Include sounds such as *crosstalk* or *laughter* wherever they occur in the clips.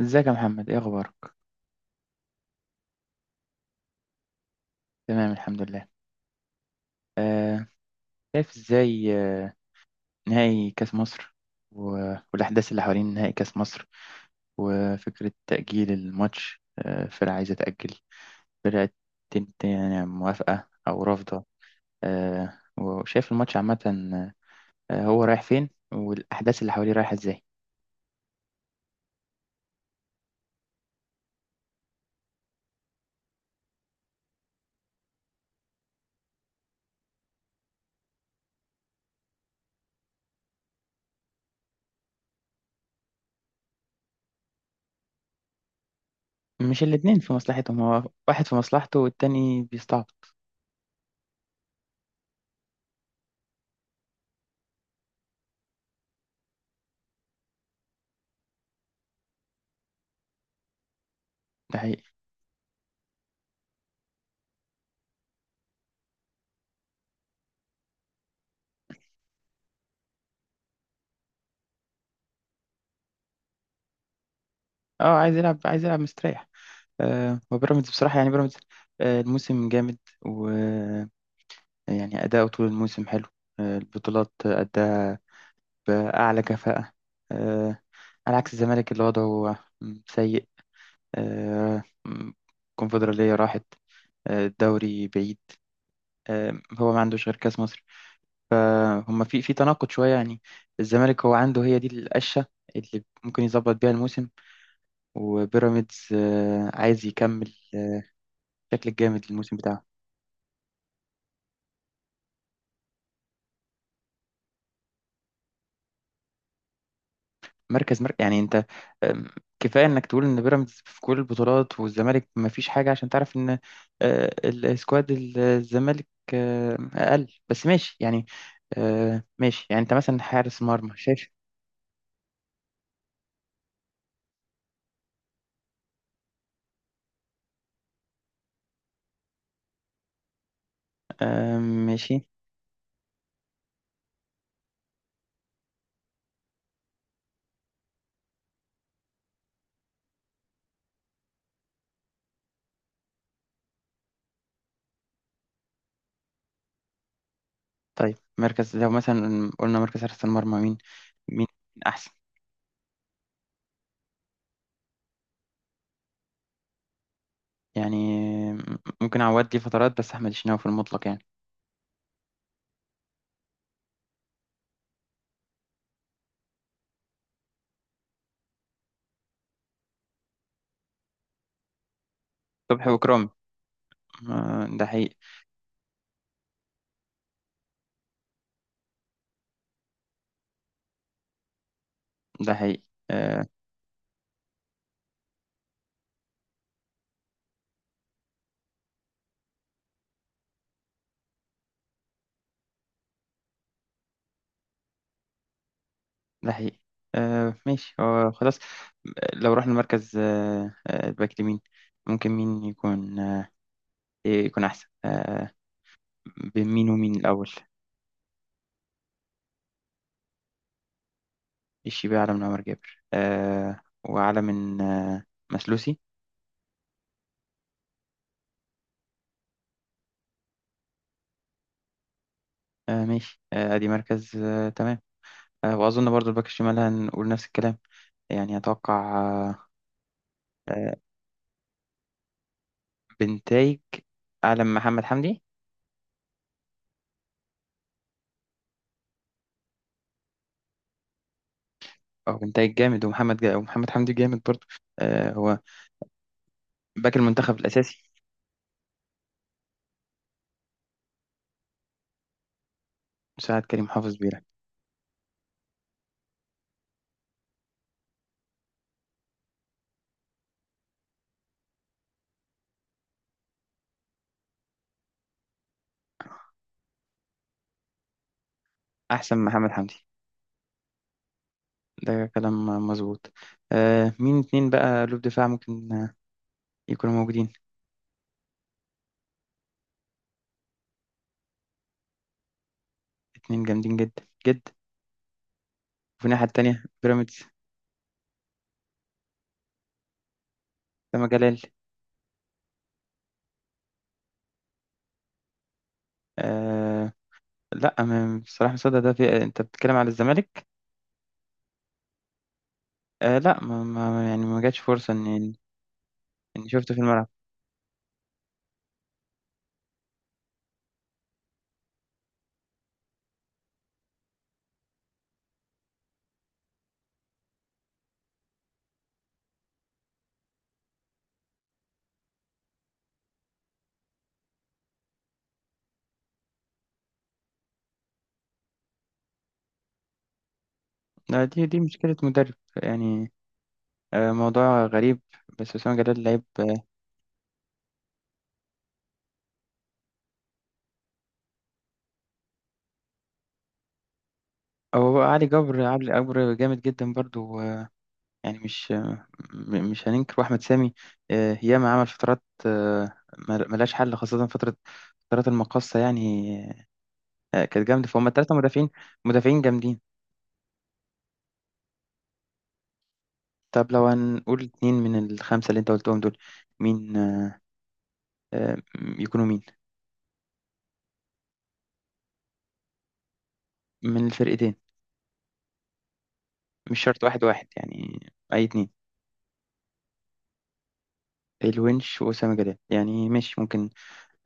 ازيك يا محمد؟ ايه اخبارك؟ تمام الحمد لله. آه، شايف ازاي؟ نهائي كاس مصر والاحداث اللي حوالين نهائي كاس مصر وفكره تاجيل الماتش. فرقه عايزه تاجل فرقه، تنت يعني موافقه او رافضه؟ وشايف الماتش عامه، هو رايح فين والاحداث اللي حواليه رايحه ازاي؟ مش الاتنين في مصلحتهم، هو واحد في مصلحته والتاني بيستعبط. ده حقيقي. اه عايز يلعب، عايز يلعب مستريح. وبيراميدز بصراحة، يعني بيراميدز الموسم جامد ويعني أداؤه طول الموسم حلو. البطولات أداها بأعلى كفاءة. آه، على عكس الزمالك اللي وضعه سيء. آه، الكونفدرالية راحت، الدوري بعيد، هو ما عندوش غير كأس مصر. فهم في تناقض شوية يعني. الزمالك هو عنده هي دي القشة اللي ممكن يظبط بيها الموسم، وبيراميدز عايز يكمل الشكل الجامد الموسم بتاعه. مركز مركز، يعني انت أم، كفايه انك تقول ان بيراميدز في كل البطولات والزمالك ما فيش حاجه، عشان تعرف ان السكواد الزمالك اقل، بس ماشي يعني. ماشي يعني، انت مثلا حارس مرمى شايف؟ ماشي. طيب مركز، لو مثلا قلنا مركز حارس المرمى، مين مين احسن؟ يعني ممكن عواد ليه فترات، بس احمد الشناوي في المطلق يعني. صبحي وإكرامي، ده حقيقي. ده حقيقي. آه، ده حقيقي. ماشي. هو خلاص لو رحنا المركز، الباك اليمين، ممكن مين يكون إيه؟ يكون أحسن بين مين ومين الأول؟ الشيبي أعلى من عمر جابر، وأعلى من مسلوسي. ماشي، أدي مركز، تمام. وأظن برضو الباك الشمال هنقول نفس الكلام. يعني أتوقع آه آه بنتايج أعلى من محمد حمدي. أو بنتايج جامد، ومحمد جا، ومحمد حمدي جامد برضو. هو باك المنتخب الأساسي. مساعد كريم حافظ بيلعب. أحسن من محمد حمدي؟ ده كلام مظبوط. مين اتنين بقى قلوب دفاع، ممكن يكونوا موجودين؟ اتنين جامدين جدا جدا. وفي الناحية التانية بيراميدز، سما جلال. آه لا، بصراحة مصدق ده، في، انت بتتكلم على الزمالك. لا، ما يعني ما جاتش فرصة ان شفته في الملعب. دي مشكلة مدرب يعني. موضوع غريب، بس أسامة جلال لعيب هو. بقى علي جبر، علي جبر جامد جدا برضو. يعني مش، مش هننكر واحمد سامي ياما عمل فترات، ملهاش حل، خاصة فترة، فترات المقاصة يعني، كانت جامدة. فهم التلاتة مدافعين، مدافعين جامدين. طب لو هنقول اتنين من الخمسة اللي انت قلتهم دول، مين يكونوا مين؟ من الفرقتين، مش شرط واحد واحد يعني. أي اتنين. الونش وأسامة جلال، يعني ماشي ممكن،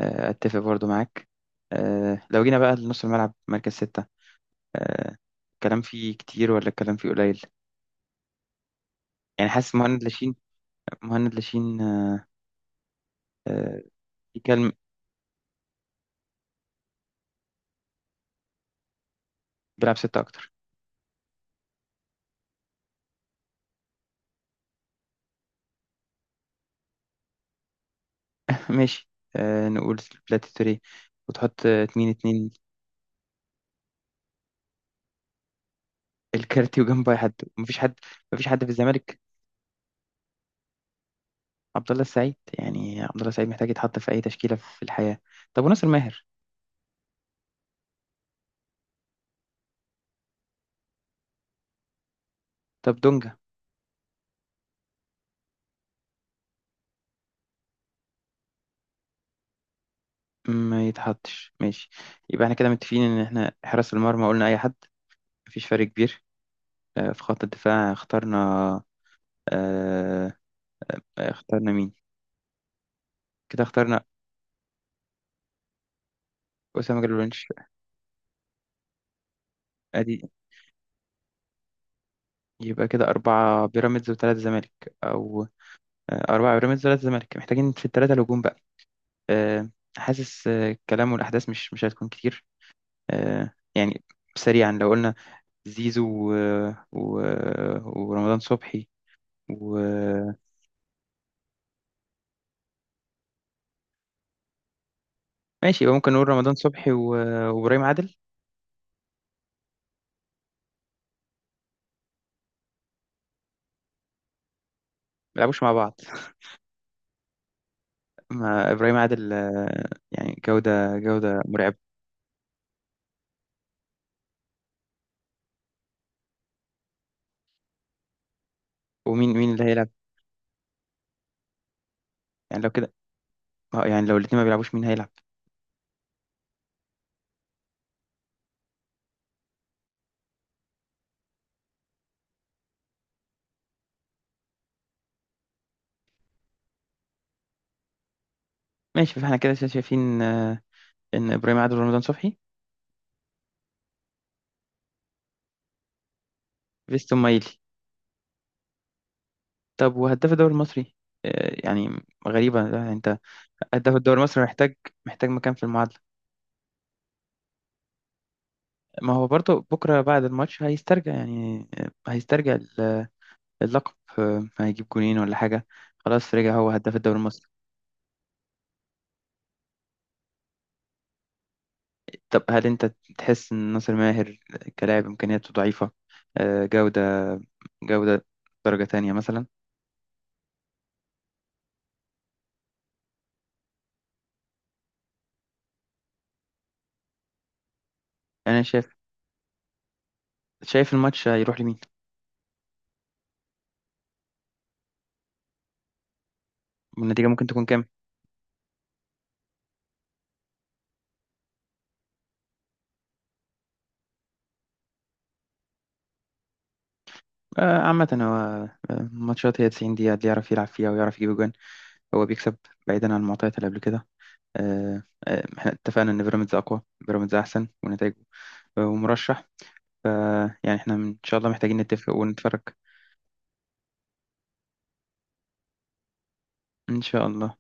أتفق برضو معاك. لو جينا بقى لنص الملعب، مركز ستة، آه، الكلام فيه كتير ولا الكلام فيه قليل؟ يعني حاسس مهند لاشين. مهند لاشين آه، في كلم. بيلعب ستة أكتر. *laughs* ماشي، نقول بلاتي توريه، وتحط اتنين اتنين. الكارتي وجنبه أي حد؟ مفيش حد، مفيش حد في الزمالك. عبد الله السعيد؟ يعني عبد الله السعيد محتاج يتحط في أي تشكيلة في الحياة. طب وناصر ماهر؟ طب دونجا؟ ما يتحطش، ماشي. يبقى احنا كده متفقين، إن احنا حراس المرمى قلنا أي حد، مفيش فرق كبير. في خط الدفاع اخترنا آه، اخترنا مين، كده اخترنا أسامة جلال. ادي، يبقى كده أربعة بيراميدز وثلاثة زمالك. أو أربعة بيراميدز وثلاثة زمالك، محتاجين في الثلاثة الهجوم بقى. آه، حاسس الكلام والأحداث مش هتكون كتير يعني. سريعا لو قلنا زيزو و... ورمضان صبحي، وماشي. يبقى ممكن نقول رمضان صبحي وإبراهيم عادل. ما بيلعبوش مع بعض؟ ما إبراهيم عادل يعني جودة، جودة مرعبة. ومين مين اللي هيلعب؟ يعني لو كده يعني لو الاتنين ما بيلعبوش، مين هيلعب؟ ماشي، فاحنا كده شايفين ان ابراهيم عادل ورمضان صبحي. فيستون مايلي. طب وهداف الدوري المصري؟ يعني غريبة، يعني انت هداف الدوري المصري محتاج مكان في المعادلة. ما هو برضه بكرة بعد الماتش هيسترجع، يعني هيسترجع اللقب، هيجيب جونين ولا حاجة. خلاص رجع هو هداف الدوري المصري. طب هل انت تحس ان ناصر ماهر كلاعب امكانياته ضعيفة، جودة، جودة درجة تانية مثلا؟ انا شايف الماتش هيروح لمين والنتيجة ممكن تكون كام. عامة هو الماتشات هي 90 دقيقة، اللي يعرف يلعب فيها ويعرف يجيب جوان هو بيكسب، بعيدا عن المعطيات اللي قبل كده. آه، احنا اتفقنا ان بيراميدز اقوى، بيراميدز احسن ونتائجه، ومرشح. ف يعني احنا ان شاء الله محتاجين نتفق ونتفرج. ان شاء الله.